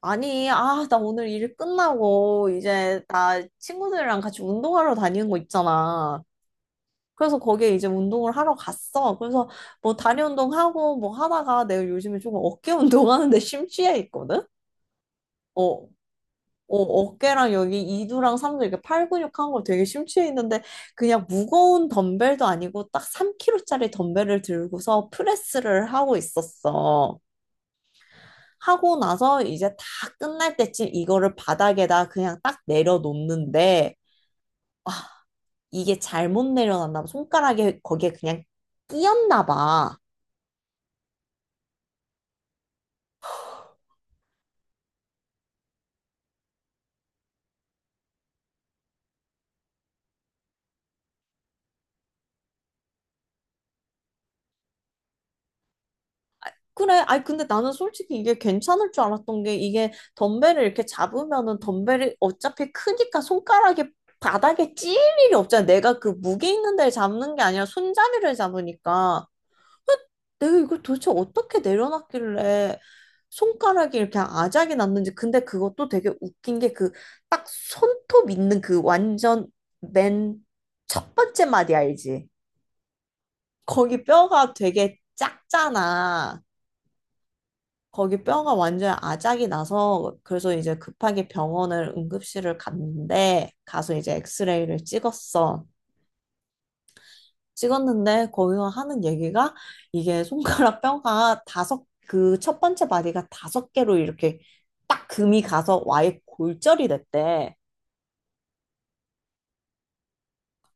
아니, 아, 나 오늘 일 끝나고 이제 나 친구들이랑 같이 운동하러 다니는 거 있잖아. 그래서 거기에 이제 운동을 하러 갔어. 그래서 뭐 다리 운동하고 뭐 하다가 내가 요즘에 조금 어깨 운동하는데 심취해 있거든? 어. 어, 어깨랑 여기 이두랑 삼두 이렇게 팔 근육 한거 되게 심취해 있는데 그냥 무거운 덤벨도 아니고 딱 3kg짜리 덤벨을 들고서 프레스를 하고 있었어. 하고 나서 이제 다 끝날 때쯤 이거를 바닥에다 그냥 딱 내려놓는데 이게 잘못 내려놨나 봐. 손가락에 거기에 그냥 끼었나 봐. 그래. 아니 근데 나는 솔직히 이게 괜찮을 줄 알았던 게 이게 덤벨을 이렇게 잡으면은 덤벨이 어차피 크니까 손가락에 바닥에 찔 일이 없잖아. 내가 그 무게 있는 데를 잡는 게 아니라 손잡이를 잡으니까. 내가 이걸 도대체 어떻게 내려놨길래 손가락이 이렇게 아작이 났는지. 근데 그것도 되게 웃긴 게 그 딱 손톱 있는 그 완전 맨 첫 번째 마디 알지? 거기 뼈가 되게 작잖아. 거기 뼈가 완전 아작이 나서 그래서 이제 급하게 병원을 응급실을 갔는데 가서 이제 엑스레이를 찍었어. 찍었는데 거기서 하는 얘기가 이게 손가락 뼈가 다섯 그 첫 번째 마디가 다섯 개로 이렇게 딱 금이 가서 와의 골절이 됐대.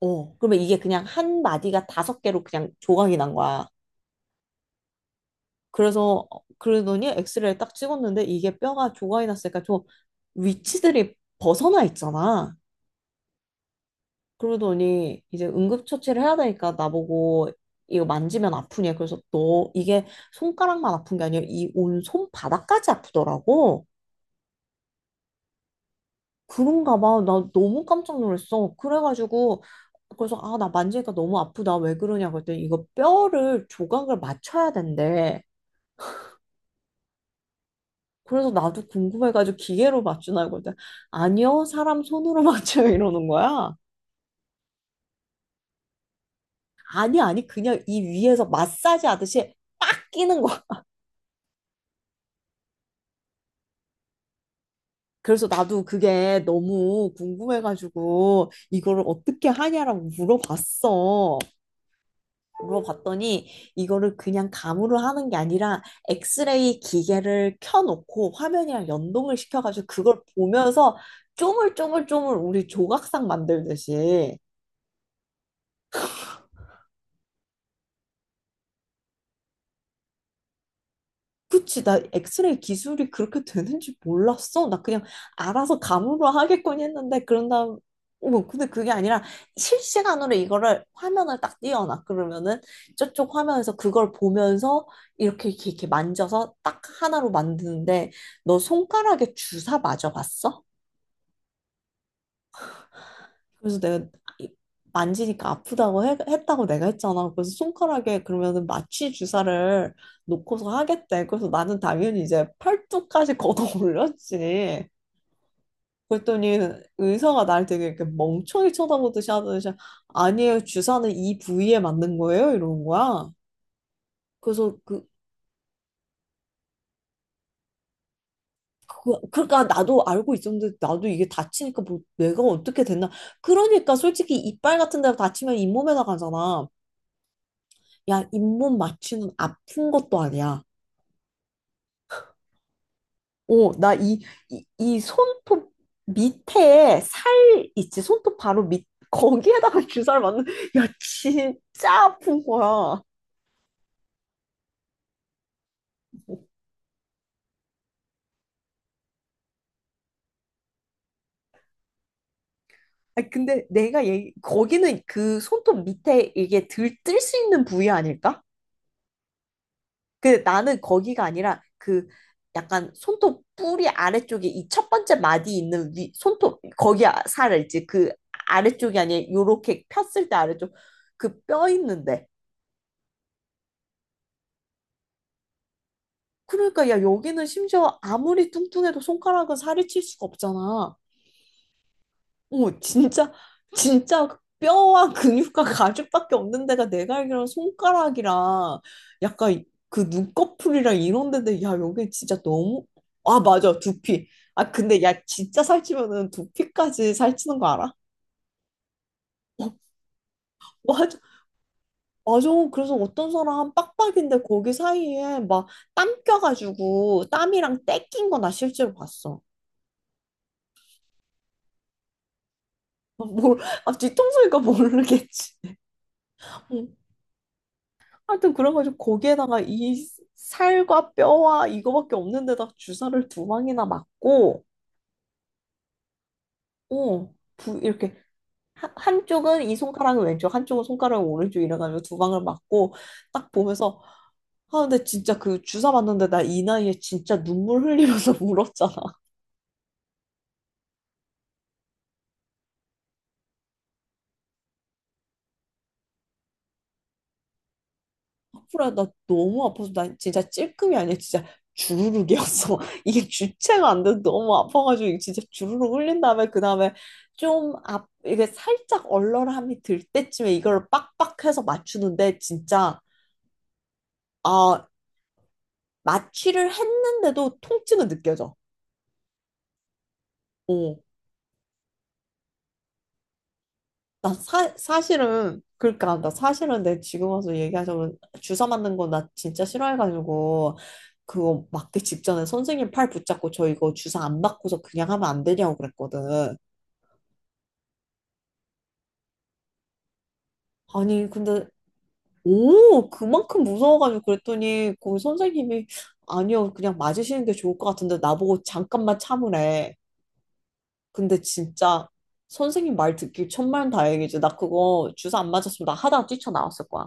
어, 그러면 이게 그냥 한 마디가 다섯 개로 그냥 조각이 난 거야. 그래서 어, 그러더니 엑스레이 딱 찍었는데 이게 뼈가 조각이 났으니까 좀 위치들이 벗어나 있잖아. 그러더니 이제 응급처치를 해야 되니까 나보고 이거 만지면 아프냐. 그래서 너 이게 손가락만 아픈 게 아니라 이 온 손바닥까지 아프더라고. 그런가 봐. 나 너무 깜짝 놀랐어. 그래가지고 그래서 아, 나 만지니까 너무 아프다. 왜 그러냐 그랬더니 이거 뼈를 조각을 맞춰야 된대. 그래서 나도 궁금해가지고 기계로 맞추나 그랬더니 아니요, 사람 손으로 맞춰요 이러는 거야. 아니 그냥 이 위에서 마사지 하듯이 빡 끼는 거야. 그래서 나도 그게 너무 궁금해가지고 이거를 어떻게 하냐라고 물어봤어. 물어봤더니 이거를 그냥 감으로 하는 게 아니라 엑스레이 기계를 켜놓고 화면이랑 연동을 시켜가지고 그걸 보면서 쪼물쪼물쪼물 우리 조각상 만들듯이 그치, 나 엑스레이 기술이 그렇게 되는지 몰랐어. 나 그냥 알아서 감으로 하겠거니 했는데, 그런 다음, 어머, 근데 그게 아니라 실시간으로 이거를 화면을 딱 띄워놔. 그러면은 저쪽 화면에서 그걸 보면서 이렇게, 이렇게, 이렇게 만져서 딱 하나로 만드는데, 너 손가락에 주사 맞아봤어? 그래서 내가 이- 만지니까 아프다고 했다고 내가 했잖아. 그래서 손가락에 그러면은 마취 주사를 놓고서 하겠대. 그래서 나는 당연히 이제 팔뚝까지 걷어 올렸지. 그랬더니 의사가 날 되게 이렇게 멍청이 쳐다보듯이 하더니 아니에요. 주사는 이 부위에 맞는 거예요. 이러는 거야. 그래서 그러니까 나도 알고 있었는데 나도 이게 다치니까 뭐 내가 어떻게 됐나. 그러니까 솔직히 이빨 같은 데 다치면 잇몸에다 가잖아. 야, 잇몸 맞추는 아픈 것도 아니야. 오, 나 이 손톱 밑에 살 있지? 손톱 바로 밑, 거기에다가 주사를 맞는, 야, 진짜 아픈 거야. 아, 근데 내가 얘기, 거기는 그 손톱 밑에 이게 들, 뜰 수 있는 부위 아닐까? 근데 나는 거기가 아니라 그 약간 손톱 뿌리 아래쪽에 이 첫 번째 마디 있는 위 손톱 거기 살 있지 그 아래쪽이 아니라 요렇게 폈을 때 아래쪽 그 뼈 있는데. 그러니까 야 여기는 심지어 아무리 뚱뚱해도 손가락은 살이 칠 수가 없잖아. 어, 진짜, 진짜 뼈와 근육과 가죽밖에 없는 데가 내가 알기로는 손가락이랑 약간 그 눈꺼풀이랑 이런 데인데, 야, 여기 진짜 너무, 아, 맞아, 두피. 아, 근데 야, 진짜 살찌면은 두피까지 살찌는 거 알아? 어, 맞아, 맞아. 그래서 어떤 사람 빡빡인데 거기 사이에 막 땀 껴가지고 땀이랑 때 낀 거나 실제로 봤어. 뭘, 아, 뒤통수니까 모르겠지. 어, 하여튼 그래가지고 거기에다가 이 살과 뼈와 이거밖에 없는데다 주사를 두 방이나 맞고, 이렇게 한쪽은 이 손가락은 왼쪽, 한쪽은 손가락은 오른쪽 이래가지고 두 방을 맞고 딱 보면서 아 근데 진짜 그 주사 맞는데 나 이 나이에 진짜 눈물 흘리면서 울었잖아. 프라 나 너무 아파서 나 진짜 찔끔이 아니라 진짜 주르륵이었어. 이게 주체가 안 돼서 너무 아파가지고 이게 진짜 주르륵 흘린 다음에 그 다음에 좀 앞, 이게 살짝 얼얼함이 들 때쯤에 이걸 빡빡해서 맞추는데 진짜 아 마취를 했는데도 통증은 느껴져. 어. 나 사실은 그러니까 나 사실은 내 지금 와서 얘기하자면 주사 맞는 거 나 진짜 싫어해가지고 그거 맞기 직전에 선생님 팔 붙잡고 저 이거 주사 안 맞고서 그냥 하면 안 되냐고 그랬거든. 아니 근데 오 그만큼 무서워가지고 그랬더니 그 선생님이 아니요 그냥 맞으시는 게 좋을 것 같은데 나보고 잠깐만 참으래. 근데 진짜 선생님 말 듣기 천만다행이지. 나 그거 주사 안 맞았으면 나 하다가 뛰쳐나왔을 거야.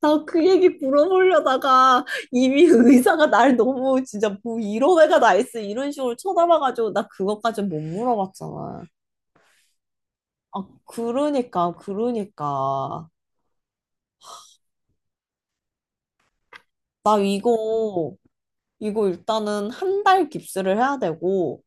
나 그 얘기 물어보려다가 이미 의사가 날 너무 진짜 뭐 이런 애가 나 있어 이런 식으로 쳐다봐가지고 나 그것까지 못 물어봤잖아. 아 그러니까 나 이거 일단은 1달 깁스를 해야 되고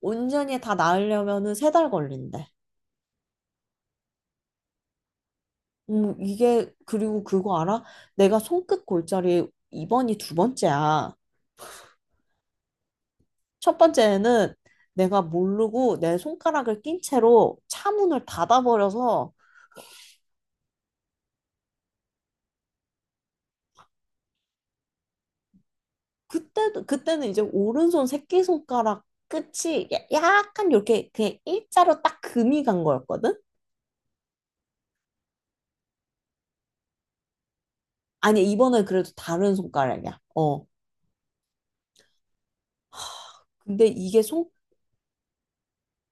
온전히 다 나으려면은 3달 걸린대. 이게 그리고 그거 알아? 내가 손끝 골절이 이번이 두 번째야. 첫 번째는 내가 모르고 내 손가락을 낀 채로 차문을 닫아버려서 그때도 그때는 이제 오른손 새끼손가락 끝이 약간 이렇게 그냥 일자로 딱 금이 간 거였거든? 아니 이번엔 그래도 다른 손가락이야. 어. 근데 이게 손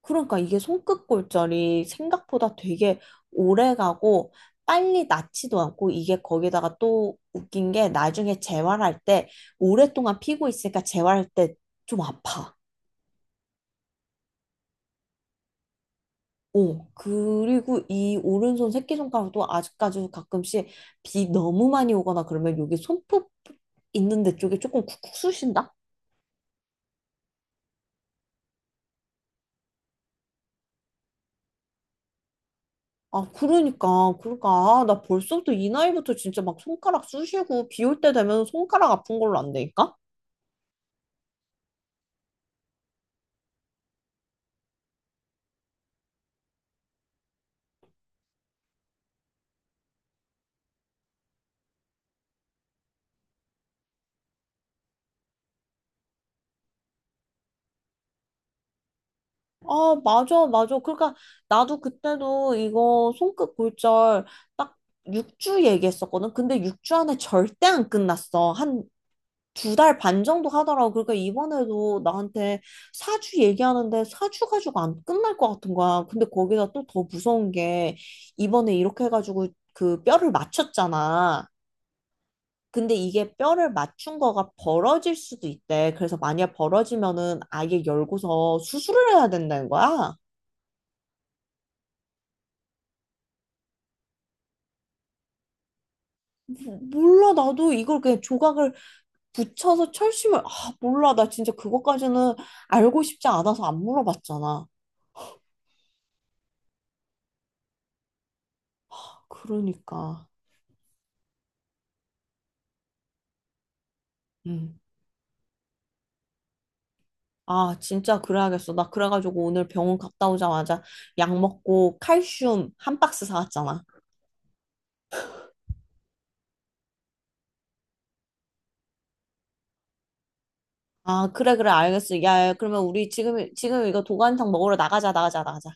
그러니까 이게 손끝 골절이 생각보다 되게 오래 가고 빨리 낫지도 않고 이게 거기다가 또 웃긴 게 나중에 재활할 때 오랫동안 피고 있으니까 재활할 때 좀 아파. 어, 그리고 이 오른손 새끼손가락도 아직까지 가끔씩 비 너무 많이 오거나 그러면 여기 손톱 있는 데 쪽에 조금 쿡쿡 쑤신다? 아, 그러니까. 아, 나 벌써부터 이 나이부터 진짜 막 손가락 쑤시고 비 올 때 되면 손가락 아픈 걸로 안 되니까? 아, 맞아, 맞아. 그러니까 나도 그때도 이거 손끝 골절 딱 6주 얘기했었거든. 근데 6주 안에 절대 안 끝났어. 한 2달 반 정도 하더라고. 그러니까 이번에도 나한테 사주 얘기하는데 사주 가지고 안 끝날 것 같은 거야. 근데 거기다 또 더 무서운 게 이번에 이렇게 해가지고 그 뼈를 맞췄잖아. 근데 이게 뼈를 맞춘 거가 벌어질 수도 있대. 그래서 만약 벌어지면은 아예 열고서 수술을 해야 된다는 거야. 뭐- 몰라, 나도 이걸 그냥 조각을 붙여서 철심을, 아, 몰라. 나 진짜 그것까지는 알고 싶지 않아서 안 물어봤잖아. 그러니까. 음. 아, 진짜 그래야겠어. 나 그래가지고 오늘 병원 갔다 오자마자 약 먹고 칼슘 한 박스 사왔잖아. 아, 그래, 그래, 알겠어. 야, 야, 그러면 우리 지금 이거 도가니탕 먹으러 나가자.